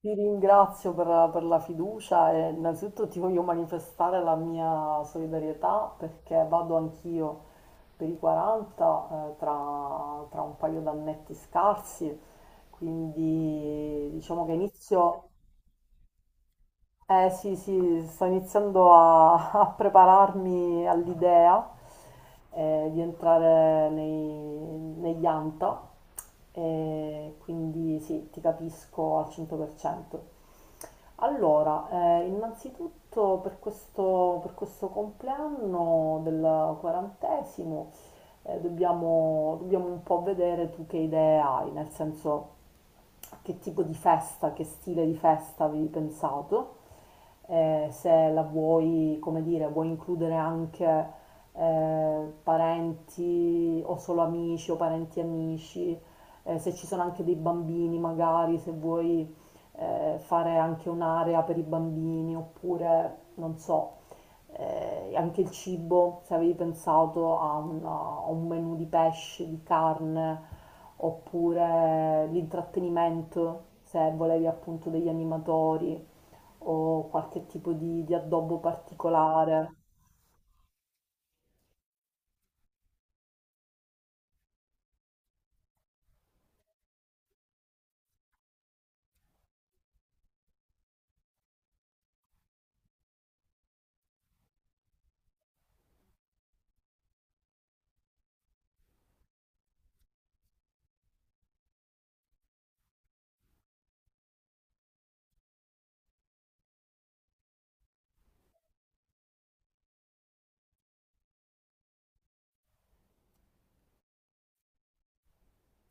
Ti ringrazio per la fiducia e innanzitutto ti voglio manifestare la mia solidarietà perché vado anch'io per i 40 tra un paio d'annetti scarsi, quindi diciamo che sì, sì, sto iniziando a, a prepararmi all'idea di entrare negli ANTA, e quindi sì, ti capisco al 100%. Allora, innanzitutto per questo compleanno del quarantesimo dobbiamo un po' vedere tu che idee hai, nel senso che tipo di festa, che stile di festa avevi pensato, se la vuoi, come dire, vuoi includere anche parenti o solo amici o parenti amici, se ci sono anche dei bambini magari, se vuoi fare anche un'area per i bambini oppure, non so, anche il cibo, se avevi pensato a un menù di pesce, di carne, oppure l'intrattenimento, se volevi appunto degli animatori o qualche tipo di addobbo particolare.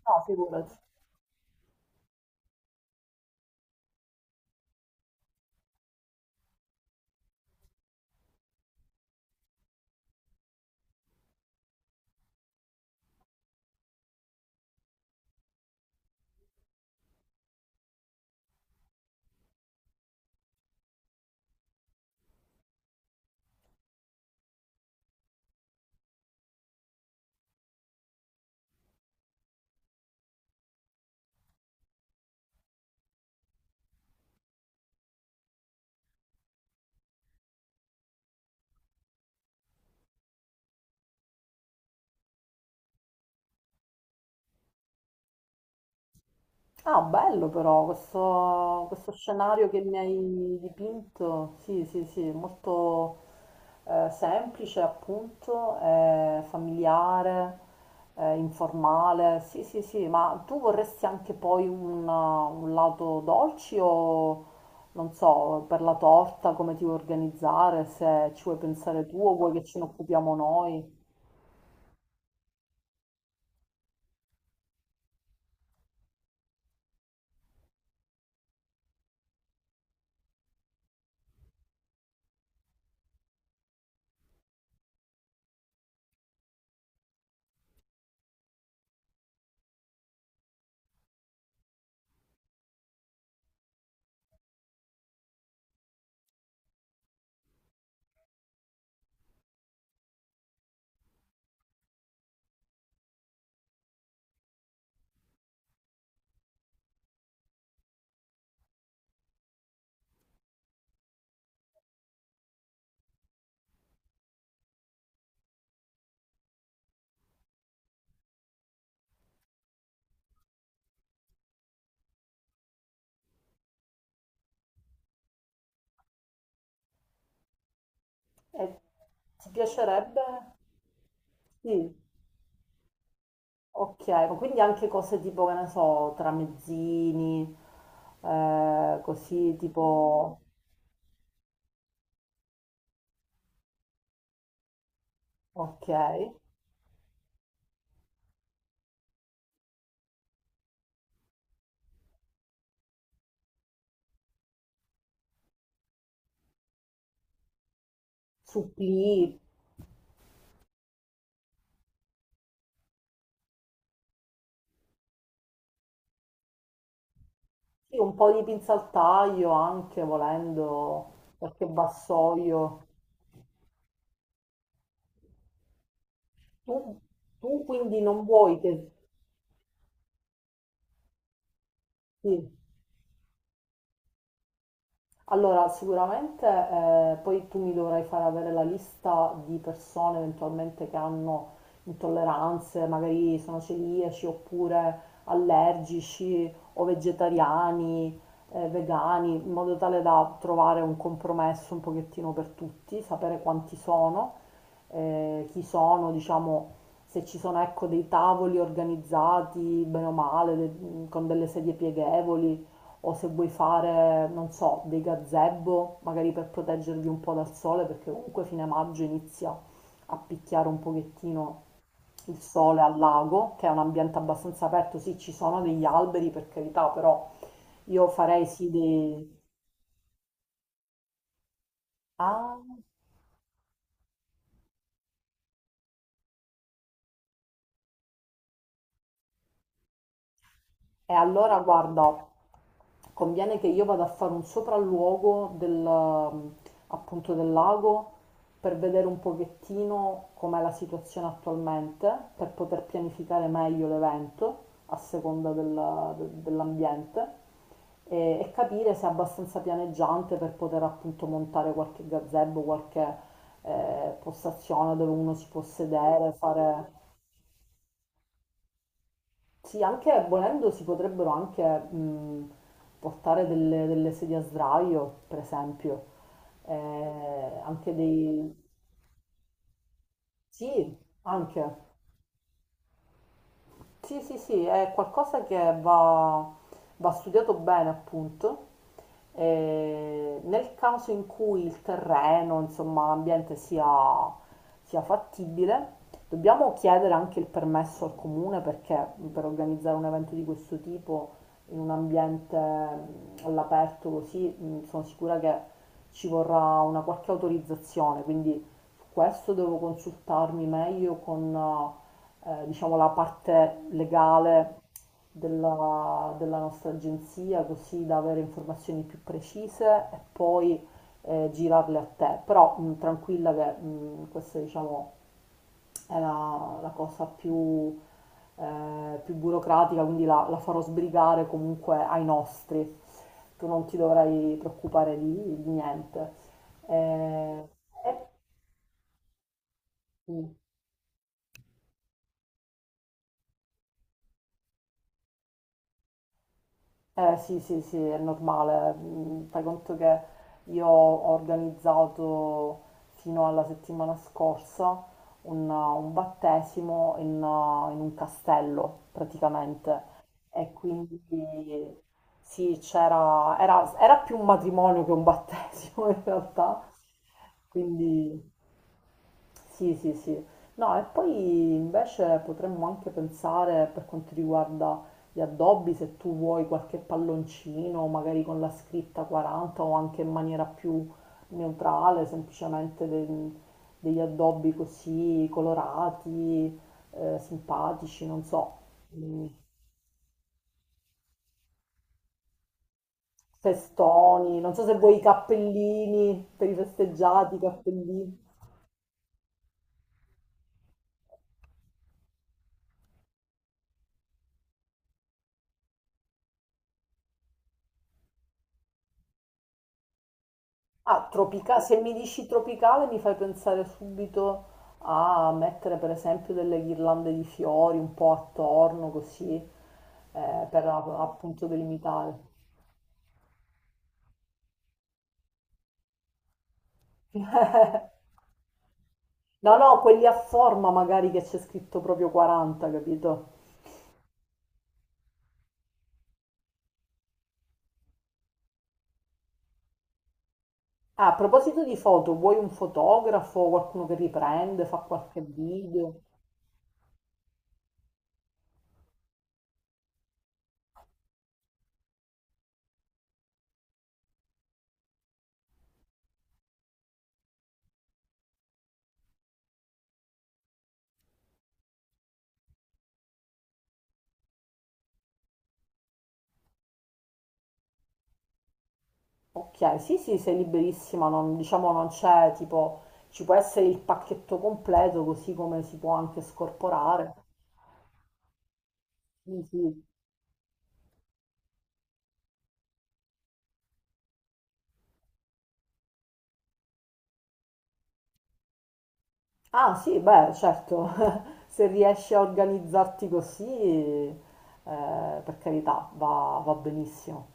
No, figurati. Ah, bello però questo scenario che mi hai dipinto. Sì, sì, sì, molto semplice appunto, familiare, informale. Sì, sì, sì, ma tu vorresti anche poi un lato dolci o non so, per la torta come ti vuoi organizzare, se ci vuoi pensare tu o vuoi che ce ne occupiamo noi? E ti piacerebbe? Sì, ok, ma quindi anche cose tipo, che ne so, tramezzini, così tipo, ok, supplì, sì, un po' di pinza al taglio anche volendo, qualche vassoio. Tu, tu quindi non vuoi che... Sì. Allora, sicuramente poi tu mi dovrai fare avere la lista di persone eventualmente che hanno intolleranze, magari sono celiaci oppure allergici o vegetariani, vegani, in modo tale da trovare un compromesso un pochettino per tutti, sapere quanti sono, chi sono, diciamo, se ci sono ecco, dei tavoli organizzati bene o male, con delle sedie pieghevoli o se vuoi fare, non so, dei gazebo, magari per proteggervi un po' dal sole, perché comunque fine maggio inizia a picchiare un pochettino il sole al lago, che è un ambiente abbastanza aperto, sì, ci sono degli alberi per carità, però io farei sì dei... Ah, e allora guarda, conviene che io vada a fare un sopralluogo del, appunto del lago, per vedere un pochettino com'è la situazione attualmente, per poter pianificare meglio l'evento a seconda dell'ambiente e capire se è abbastanza pianeggiante per poter appunto montare qualche gazebo, qualche postazione dove uno si può sedere, fare... Sì, anche volendo si potrebbero anche portare delle sedie a sdraio, per esempio. Anche dei... Sì, anche. Sì, sì, sì, è qualcosa che va studiato bene, appunto. E nel caso in cui il terreno, insomma, l'ambiente sia fattibile, dobbiamo chiedere anche il permesso al comune perché per organizzare un evento di questo tipo in un ambiente all'aperto così, sono sicura che ci vorrà una qualche autorizzazione, quindi su questo devo consultarmi meglio con diciamo, la parte legale della nostra agenzia, così da avere informazioni più precise e poi girarle a te. Però tranquilla che questa, diciamo, è la cosa più, più burocratica, quindi la farò sbrigare comunque ai nostri. Tu non ti dovrai preoccupare di niente. Eh, e- Eh sì, sì, sì, è normale. Mm, fai conto che io ho organizzato fino alla settimana scorsa un battesimo in un castello praticamente e quindi sì, era più un matrimonio che un battesimo in realtà, quindi sì, sì, sì. No, e poi invece potremmo anche pensare per quanto riguarda gli addobbi, se tu vuoi qualche palloncino, magari con la scritta 40 o anche in maniera più neutrale, semplicemente degli addobbi così colorati, simpatici, non so, mm, festoni, non so se vuoi i cappellini per i festeggiati, i cappellini. Ah, se mi dici tropicale mi fai pensare subito a mettere per esempio delle ghirlande di fiori un po' attorno così, per appunto delimitare. No, no, quelli a forma magari che c'è scritto proprio 40, capito? Ah, a proposito di foto, vuoi un fotografo, qualcuno che riprende, fa qualche video? Ok, sì, sì, sei liberissima, non, diciamo non c'è tipo, ci può essere il pacchetto completo così come si può anche scorporare. Mh-mh. Ah sì, beh, certo, se riesci a organizzarti così, per carità, va benissimo.